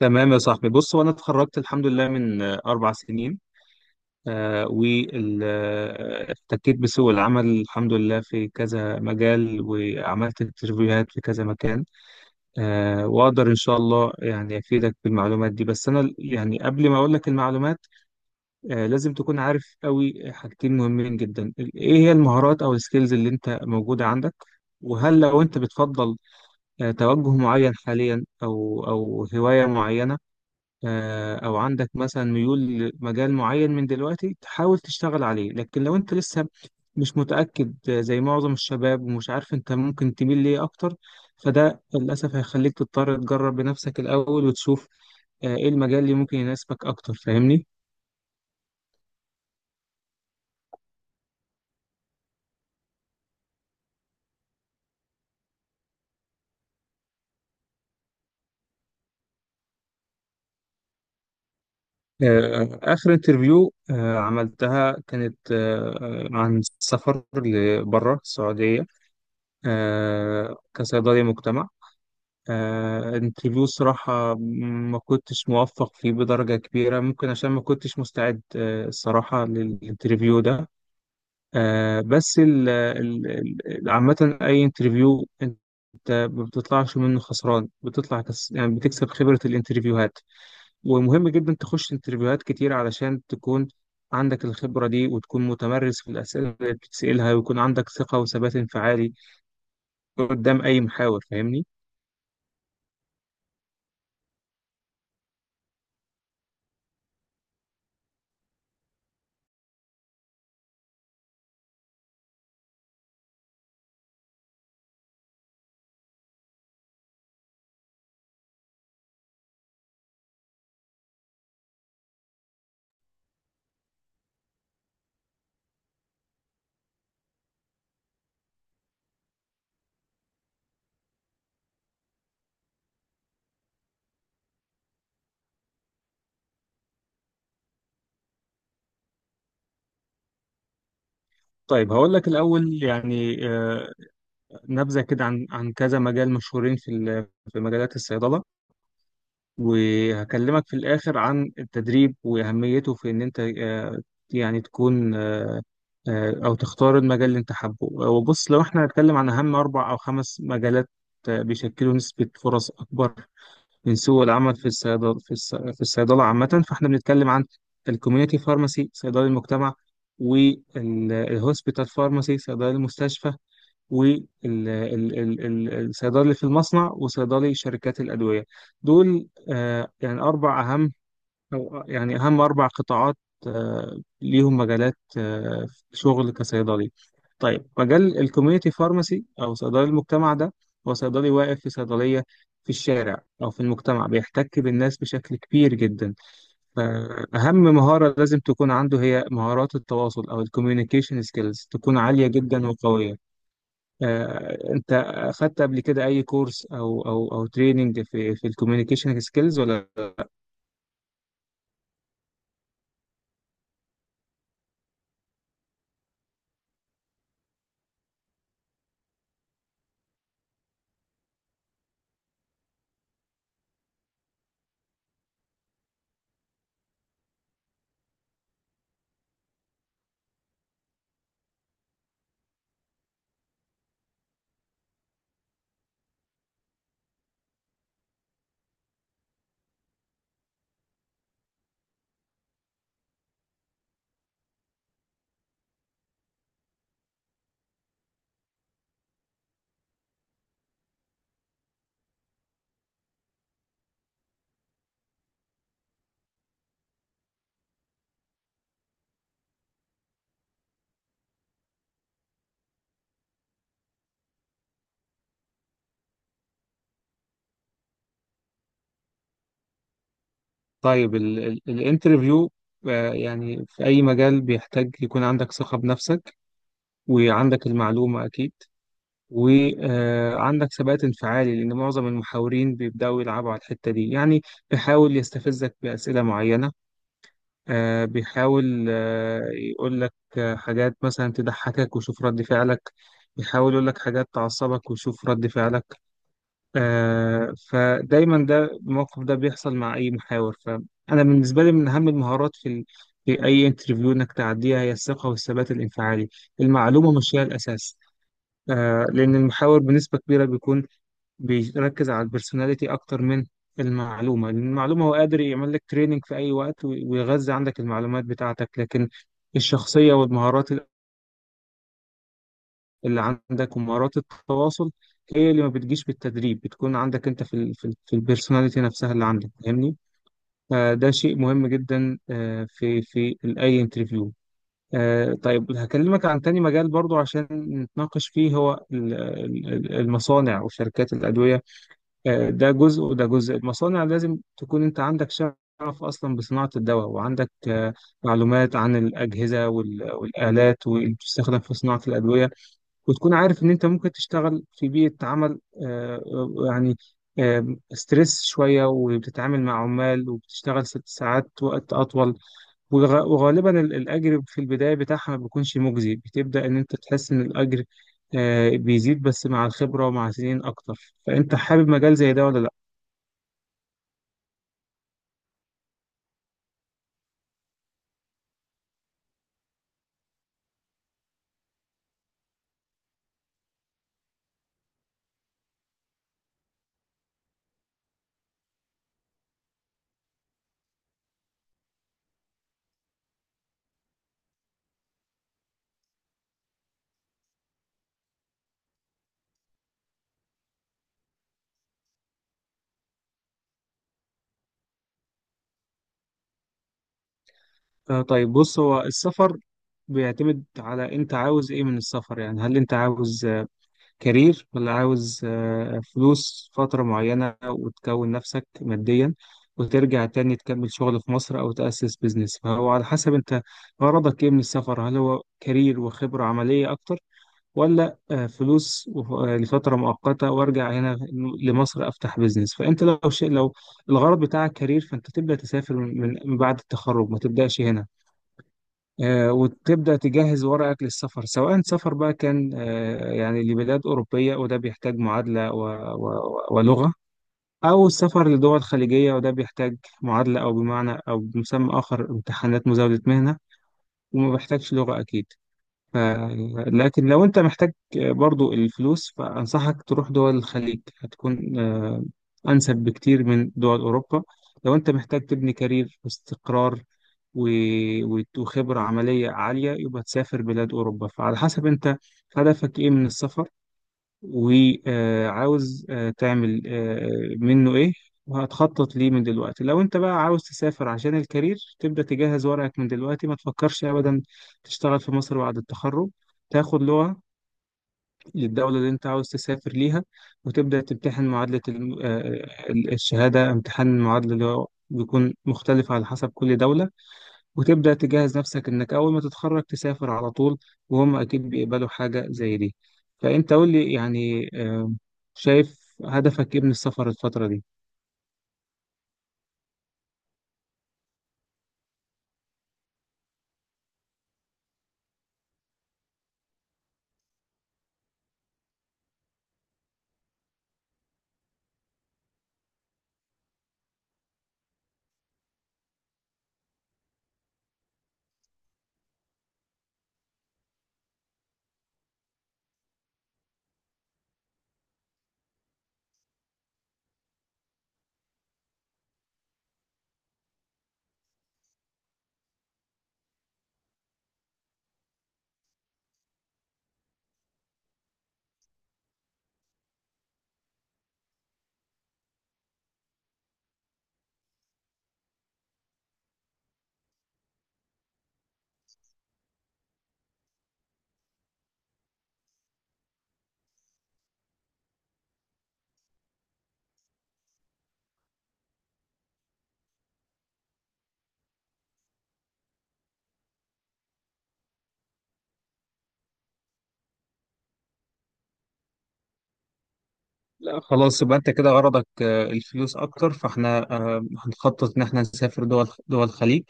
تمام يا صاحبي، بص هو انا اتخرجت الحمد لله من 4 سنين. واحتكيت بسوق العمل الحمد لله في كذا مجال، وعملت انترفيوهات في كذا مكان. واقدر ان شاء الله يعني افيدك بالمعلومات دي، بس انا يعني قبل ما اقول لك المعلومات لازم تكون عارف قوي حاجتين مهمين جدا، ايه هي المهارات او السكيلز اللي انت موجودة عندك، وهل لو انت بتفضل توجه معين حاليا او هواية معينة، او عندك مثلا ميول لمجال معين من دلوقتي تحاول تشتغل عليه. لكن لو انت لسه مش متأكد، زي معظم الشباب، ومش عارف انت ممكن تميل ليه اكتر، فده للأسف هيخليك تضطر تجرب بنفسك الأول وتشوف ايه المجال اللي ممكن يناسبك اكتر. فاهمني؟ آخر انترفيو عملتها كانت عن السفر لبره السعودية، كصيدلي مجتمع. انترفيو صراحة ما كنتش موفق فيه بدرجة كبيرة، ممكن عشان ما كنتش مستعد الصراحة للانترفيو ده. بس عامة أي انترفيو أنت ما بتطلعش منه خسران، بتطلع كس... يعني بتكسب خبرة الانترفيوهات، ومهم جدا تخش انترفيوهات كتير علشان تكون عندك الخبرة دي، وتكون متمرس في الأسئلة اللي بتسألها، ويكون عندك ثقة وثبات انفعالي قدام أي محاور. فاهمني؟ طيب هقول لك الأول يعني نبذة كده عن كذا مجال مشهورين في مجالات الصيدلة، وهكلمك في الآخر عن التدريب وأهميته في إن أنت يعني تكون أو تختار المجال اللي أنت حابه. وبص، لو إحنا هنتكلم عن أهم 4 أو 5 مجالات بيشكلوا نسبة فرص أكبر من سوق العمل في الصيدلة، في الصيدلة عامة. فإحنا بنتكلم عن الكوميونيتي فارماسي صيدلي المجتمع، والهوسبيتال فارماسي صيدلي المستشفى، والصيدلي في المصنع، وصيدلي شركات الأدوية. دول يعني أربع أهم، أو يعني أهم 4 قطاعات ليهم مجالات شغل كصيدلي. طيب مجال الكوميونتي فارماسي أو صيدلي المجتمع ده هو صيدلي واقف في صيدلية في الشارع أو في المجتمع، بيحتك بالناس بشكل كبير جدا، فأهم مهارة لازم تكون عنده هي مهارات التواصل أو الكوميونيكيشن سكيلز، تكون عالية جدا وقوية. انت اخدت قبل كده اي كورس او تريننج في الكوميونيكيشن سكيلز ولا؟ طيب الانترفيو يعني في اي مجال بيحتاج يكون عندك ثقة بنفسك، وعندك المعلومة اكيد، وعندك ثبات انفعالي، لان معظم المحاورين بيبداوا يلعبوا على الحتة دي يعني. بيحاول يستفزك بأسئلة معينة، بيحاول يقول لك حاجات مثلا تضحكك وشوف رد فعلك، بيحاول يقول لك حاجات تعصبك وشوف رد فعلك. فدايما ده الموقف ده بيحصل مع اي محاور. فانا بالنسبه لي، من اهم المهارات في اي انترفيو انك تعديها هي الثقه والثبات الانفعالي، المعلومه مش هي الاساس. لان المحاور بنسبه كبيره بيكون بيركز على البرسوناليتي اكتر من المعلومه، لان المعلومه هو قادر يعمل لك تريننج في اي وقت ويغذي عندك المعلومات بتاعتك، لكن الشخصيه والمهارات اللي عندك ومهارات التواصل هي اللي ما بتجيش بالتدريب، بتكون عندك انت في ال في, ال في البيرسوناليتي نفسها اللي عندك. فاهمني؟ فده شيء مهم جدا في اي انترفيو. طيب هكلمك عن تاني مجال برضو عشان نتناقش فيه، هو المصانع وشركات الأدوية. ده جزء وده جزء. المصانع لازم تكون انت عندك شغف أصلا بصناعة الدواء، وعندك معلومات عن الأجهزة والآلات واللي بتستخدم في صناعة الأدوية، وتكون عارف إن أنت ممكن تشتغل في بيئة عمل يعني ستريس شوية، وبتتعامل مع عمال، وبتشتغل 6 ساعات وقت أطول. وغالبا الأجر في البداية بتاعها ما بيكونش مجزي، بتبدأ إن أنت تحس إن الأجر بيزيد بس مع الخبرة، ومع سنين أكتر. فأنت حابب مجال زي ده ولا لأ؟ طيب بص، هو السفر بيعتمد على أنت عاوز إيه من السفر. يعني هل أنت عاوز كارير، ولا عاوز فلوس فترة معينة، وتكون نفسك ماديا، وترجع تاني تكمل شغل في مصر أو تأسس بيزنس؟ فهو على حسب أنت غرضك إيه من السفر، هل هو كارير وخبرة عملية أكتر، ولا فلوس لفترة مؤقتة وأرجع هنا لمصر أفتح بيزنس. فأنت لو شيء، لو الغرض بتاعك كارير، فأنت تبدأ تسافر من بعد التخرج، ما تبدأش هنا، وتبدأ تجهز ورقك للسفر، سواء سفر بقى كان يعني لبلاد أوروبية، وده بيحتاج معادلة ولغة، أو السفر لدول خليجية وده بيحتاج معادلة، أو بمعنى أو بمسمى آخر امتحانات مزاولة مهنة، وما بيحتاجش لغة أكيد. ف- لكن لو انت محتاج برضو الفلوس، فأنصحك تروح دول الخليج، هتكون أنسب بكتير من دول أوروبا. لو انت محتاج تبني كارير واستقرار وخبرة عملية عالية، يبقى تسافر بلاد أوروبا. فعلى حسب انت هدفك ايه من السفر، وعاوز تعمل منه ايه، وهتخطط ليه من دلوقتي. لو انت بقى عاوز تسافر عشان الكارير، تبدأ تجهز ورقك من دلوقتي، ما تفكرش ابدا تشتغل في مصر بعد التخرج، تاخد لغة للدولة اللي انت عاوز تسافر ليها، وتبدأ تمتحن معادلة الشهادة، امتحان المعادلة اللي هو بيكون مختلف على حسب كل دولة، وتبدأ تجهز نفسك إنك أول ما تتخرج تسافر على طول، وهم أكيد بيقبلوا حاجة زي دي. فأنت قول لي يعني شايف هدفك إيه من السفر الفترة دي؟ لا خلاص، يبقى أنت كده غرضك الفلوس أكتر، فإحنا هنخطط إن إحنا نسافر دول الخليج.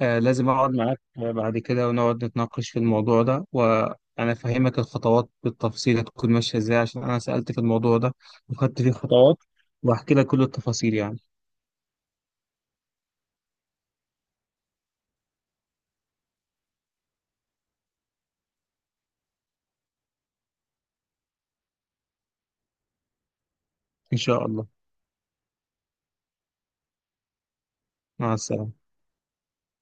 لازم أقعد معاك بعد كده، ونقعد نتناقش في الموضوع ده، وأنا أفهمك الخطوات بالتفصيل هتكون ماشية إزاي، عشان أنا سألت في الموضوع ده وخدت فيه خطوات، وهحكي لك كل التفاصيل يعني. إن شاء الله. مع السلامة.